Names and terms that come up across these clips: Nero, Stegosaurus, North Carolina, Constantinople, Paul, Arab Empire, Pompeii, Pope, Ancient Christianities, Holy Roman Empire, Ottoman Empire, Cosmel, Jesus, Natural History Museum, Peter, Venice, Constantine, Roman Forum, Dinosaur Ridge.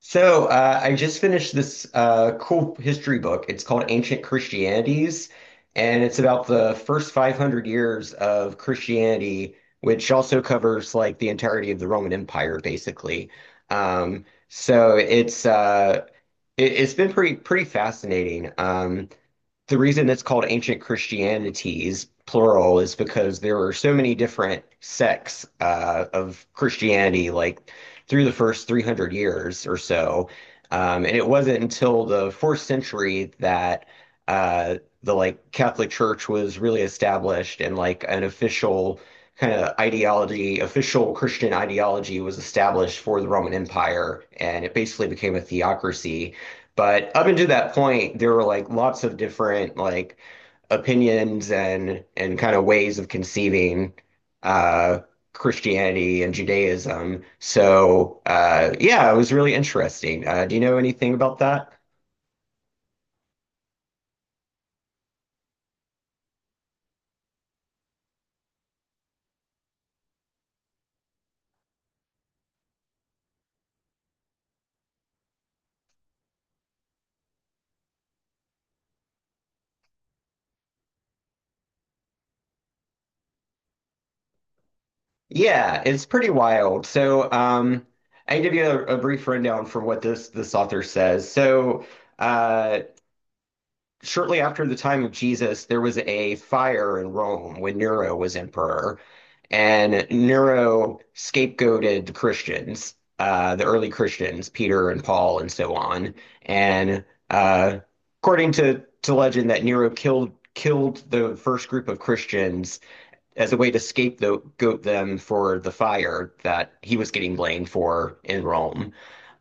So, I just finished this cool history book. It's called Ancient Christianities, and it's about the first 500 years of Christianity, which also covers like the entirety of the Roman Empire, basically. Um, so it's uh, it's been pretty fascinating. The reason it's called ancient Christianities, plural, is because there were so many different sects of Christianity, like through the first 300 years or so. And it wasn't until the fourth century that uh, the like Catholic Church was really established and like an official kind of ideology, official Christian ideology was established for the Roman Empire, and it basically became a theocracy. But up until that point, there were like lots of different like opinions and kind of ways of conceiving uh Christianity and Judaism. So yeah, it was really interesting. Do you know anything about that? Yeah, it's pretty wild. So, I can give you a brief rundown from what this author says. So, uh, shortly after the time of Jesus, there was a fire in Rome when Nero was emperor, and Nero scapegoated the Christians, the early Christians, Peter and Paul and so on. And uh, according to legend, that Nero killed the first group of Christians as a way to scapegoat them for the fire that he was getting blamed for in Rome.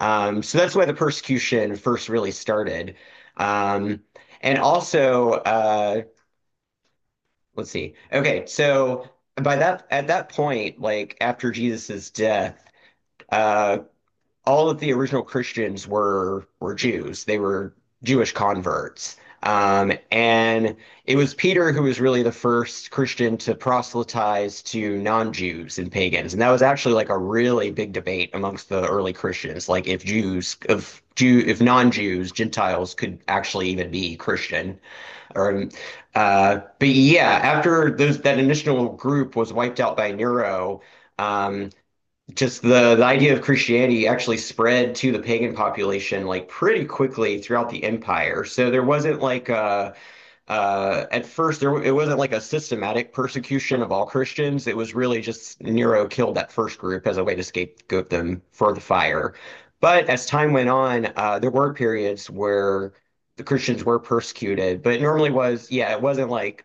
So that's why the persecution first really started. Um, and also, uh, let's see. Okay, so by that at that point, like after Jesus's death, uh, all of the original Christians were Jews. They were Jewish converts. And it was Peter who was really the first Christian to proselytize to non-Jews and pagans. And that was actually like a really big debate amongst the early Christians, like if Jews, if Jew, if non-Jews, Gentiles could actually even be Christian. Or, but yeah, after that initial group was wiped out by Nero, um, just the idea of Christianity actually spread to the pagan population like pretty quickly throughout the empire. So there wasn't like a, at first there it wasn't like a systematic persecution of all Christians. It was really just Nero killed that first group as a way to scapegoat them for the fire. But as time went on, there were periods where the Christians were persecuted, but it normally was, yeah, it wasn't like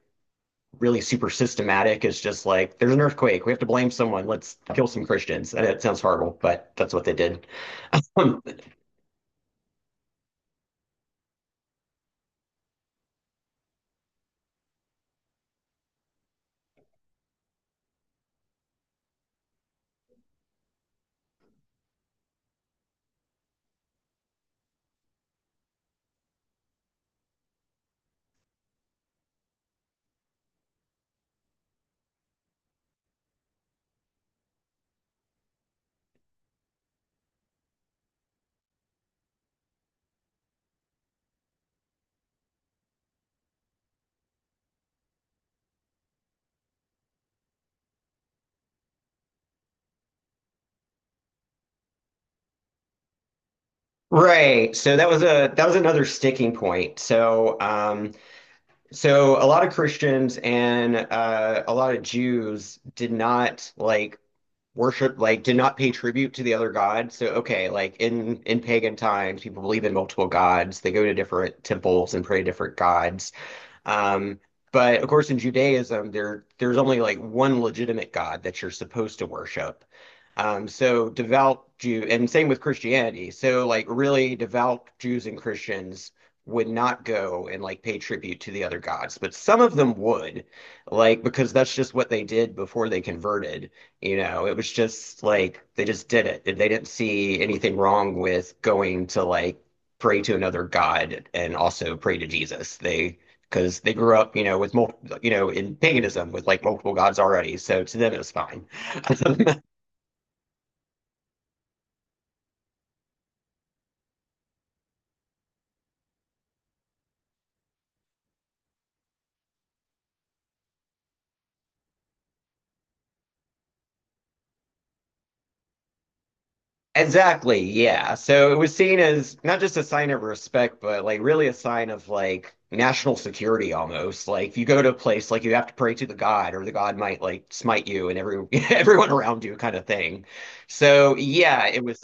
really super systematic. Is just like there's an earthquake. We have to blame someone. Let's kill some Christians. And it sounds horrible, but that's what they did. Right. So that was a that was another sticking point. So a lot of Christians and a lot of Jews did not like worship, like did not pay tribute to the other god. So okay, like in pagan times, people believe in multiple gods, they go to different temples and pray to different gods. Um, But of course, in Judaism, there's only like one legitimate God that you're supposed to worship. So devout Jew, and same with Christianity. So like really devout Jews and Christians would not go and like pay tribute to the other gods, but some of them would, like because that's just what they did before they converted. You know, it was just like they just did it. They didn't see anything wrong with going to like pray to another god and also pray to Jesus. They, because they grew up, you know, with multiple, you know, in paganism with like multiple gods already. So to them, it was fine. Exactly, yeah. So it was seen as not just a sign of respect, but like really a sign of like national security almost. Like if you go to a place, like you have to pray to the god, or the god might like smite you and every everyone around you kind of thing. So yeah, it was.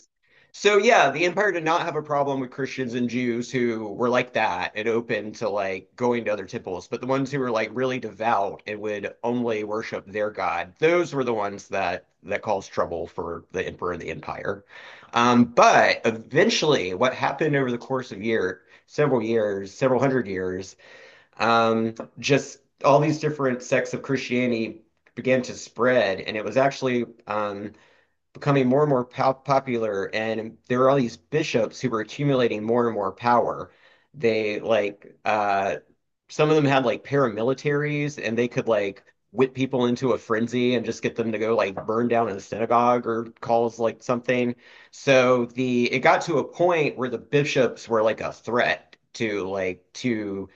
So yeah, the empire did not have a problem with Christians and Jews who were like that and open to like going to other temples, but the ones who were like really devout and would only worship their god, those were the ones that caused trouble for the emperor and the empire. But eventually, what happened over the course of year, several years, several hundred years, just all these different sects of Christianity began to spread, and it was actually becoming more and more po popular. And there were all these bishops who were accumulating more and more power. They like Some of them had like paramilitaries and they could like whip people into a frenzy and just get them to go like burn down a synagogue or cause like something. So the it got to a point where the bishops were like a threat to like to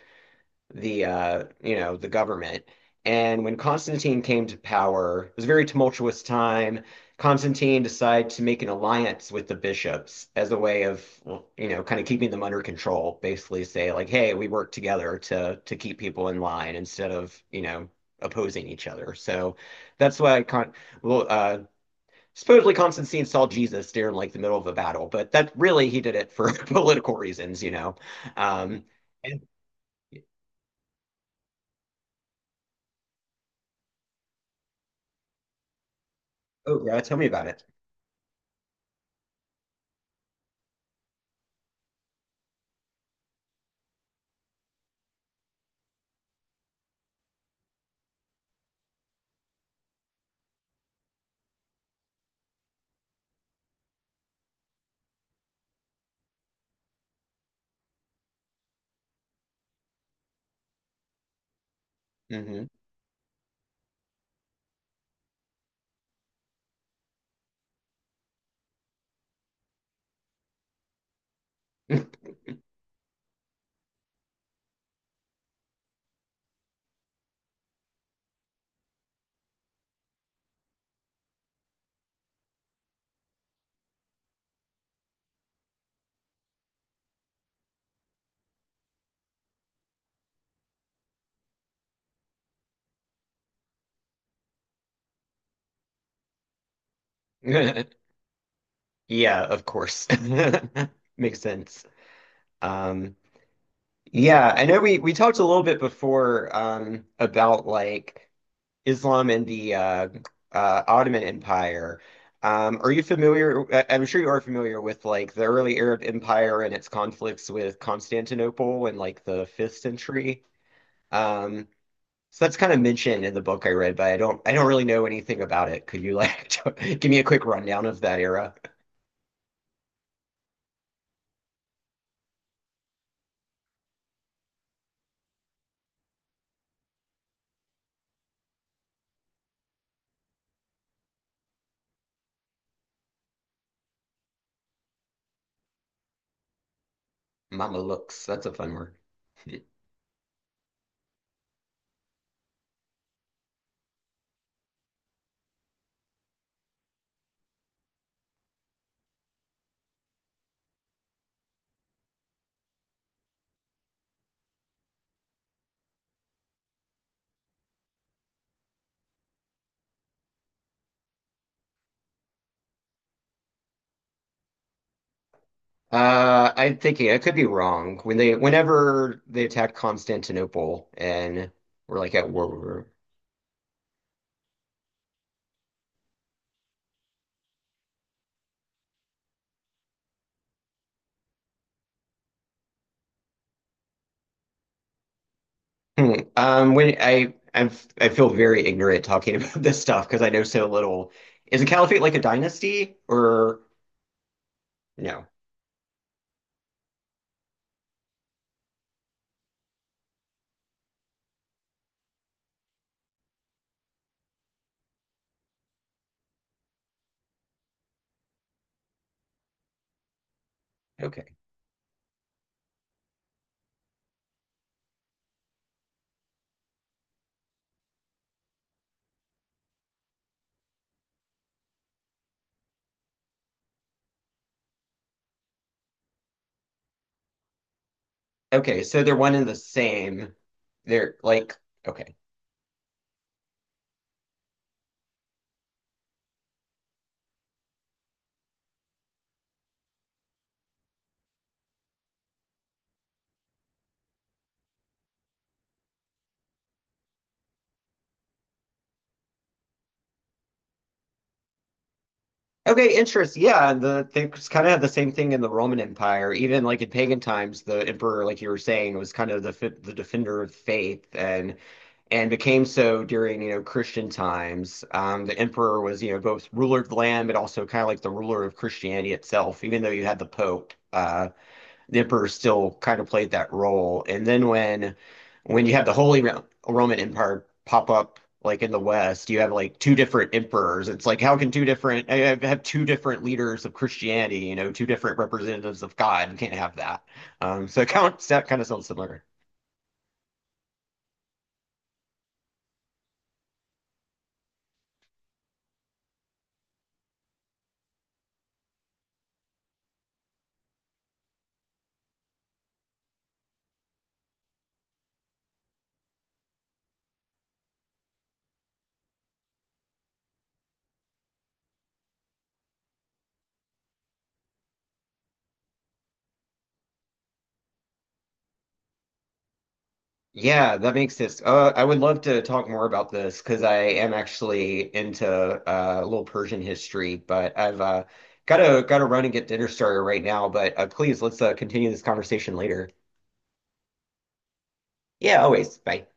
the you know, the government. And when Constantine came to power, it was a very tumultuous time. Constantine decided to make an alliance with the bishops as a way of, you know, kind of keeping them under control. Basically, say like, "Hey, we work together to keep people in line instead of, you know, opposing each other." So that's why Con well, supposedly Constantine saw Jesus during like the middle of a battle, but that really he did it for political reasons, you know. Um, and Oh yeah, tell me about it. Hmm. Yeah, of course. Makes sense. Um, yeah, I know we talked a little bit before about like Islam and the Ottoman Empire. Are you familiar? I'm sure you are familiar with like the early Arab Empire and its conflicts with Constantinople in like the fifth century. Um, so that's kind of mentioned in the book I read, but I don't really know anything about it. Could you like give me a quick rundown of that era? Mama looks. That's a fun word. I'm thinking I could be wrong. Whenever they attacked Constantinople and we're like at war, Hmm. I'm, I feel very ignorant talking about this stuff because I know so little. Is a caliphate like a dynasty or no? Okay, okay. So they're one and the same. They're like okay. Okay, interest. Yeah, and they kind of had the same thing in the Roman Empire. Even like in pagan times, the emperor, like you were saying, was kind of the defender of faith, and became so during, you know, Christian times. The emperor was, you know, both ruler of the land, but also kind of like the ruler of Christianity itself. Even though you had the Pope, Nipper still kind of played that role. And then when you have the Roman Empire pop up like in the West, you have like two different emperors. It's like how can two different I have two different leaders of Christianity, you know, two different representatives of God. You can't have that. So it kind of, that kind of sounds similar. Yeah, that makes sense. I would love to talk more about this because I am actually into a little Persian history, but I've gotta run and get dinner started right now. But please, let's continue this conversation later. Yeah, always. Bye.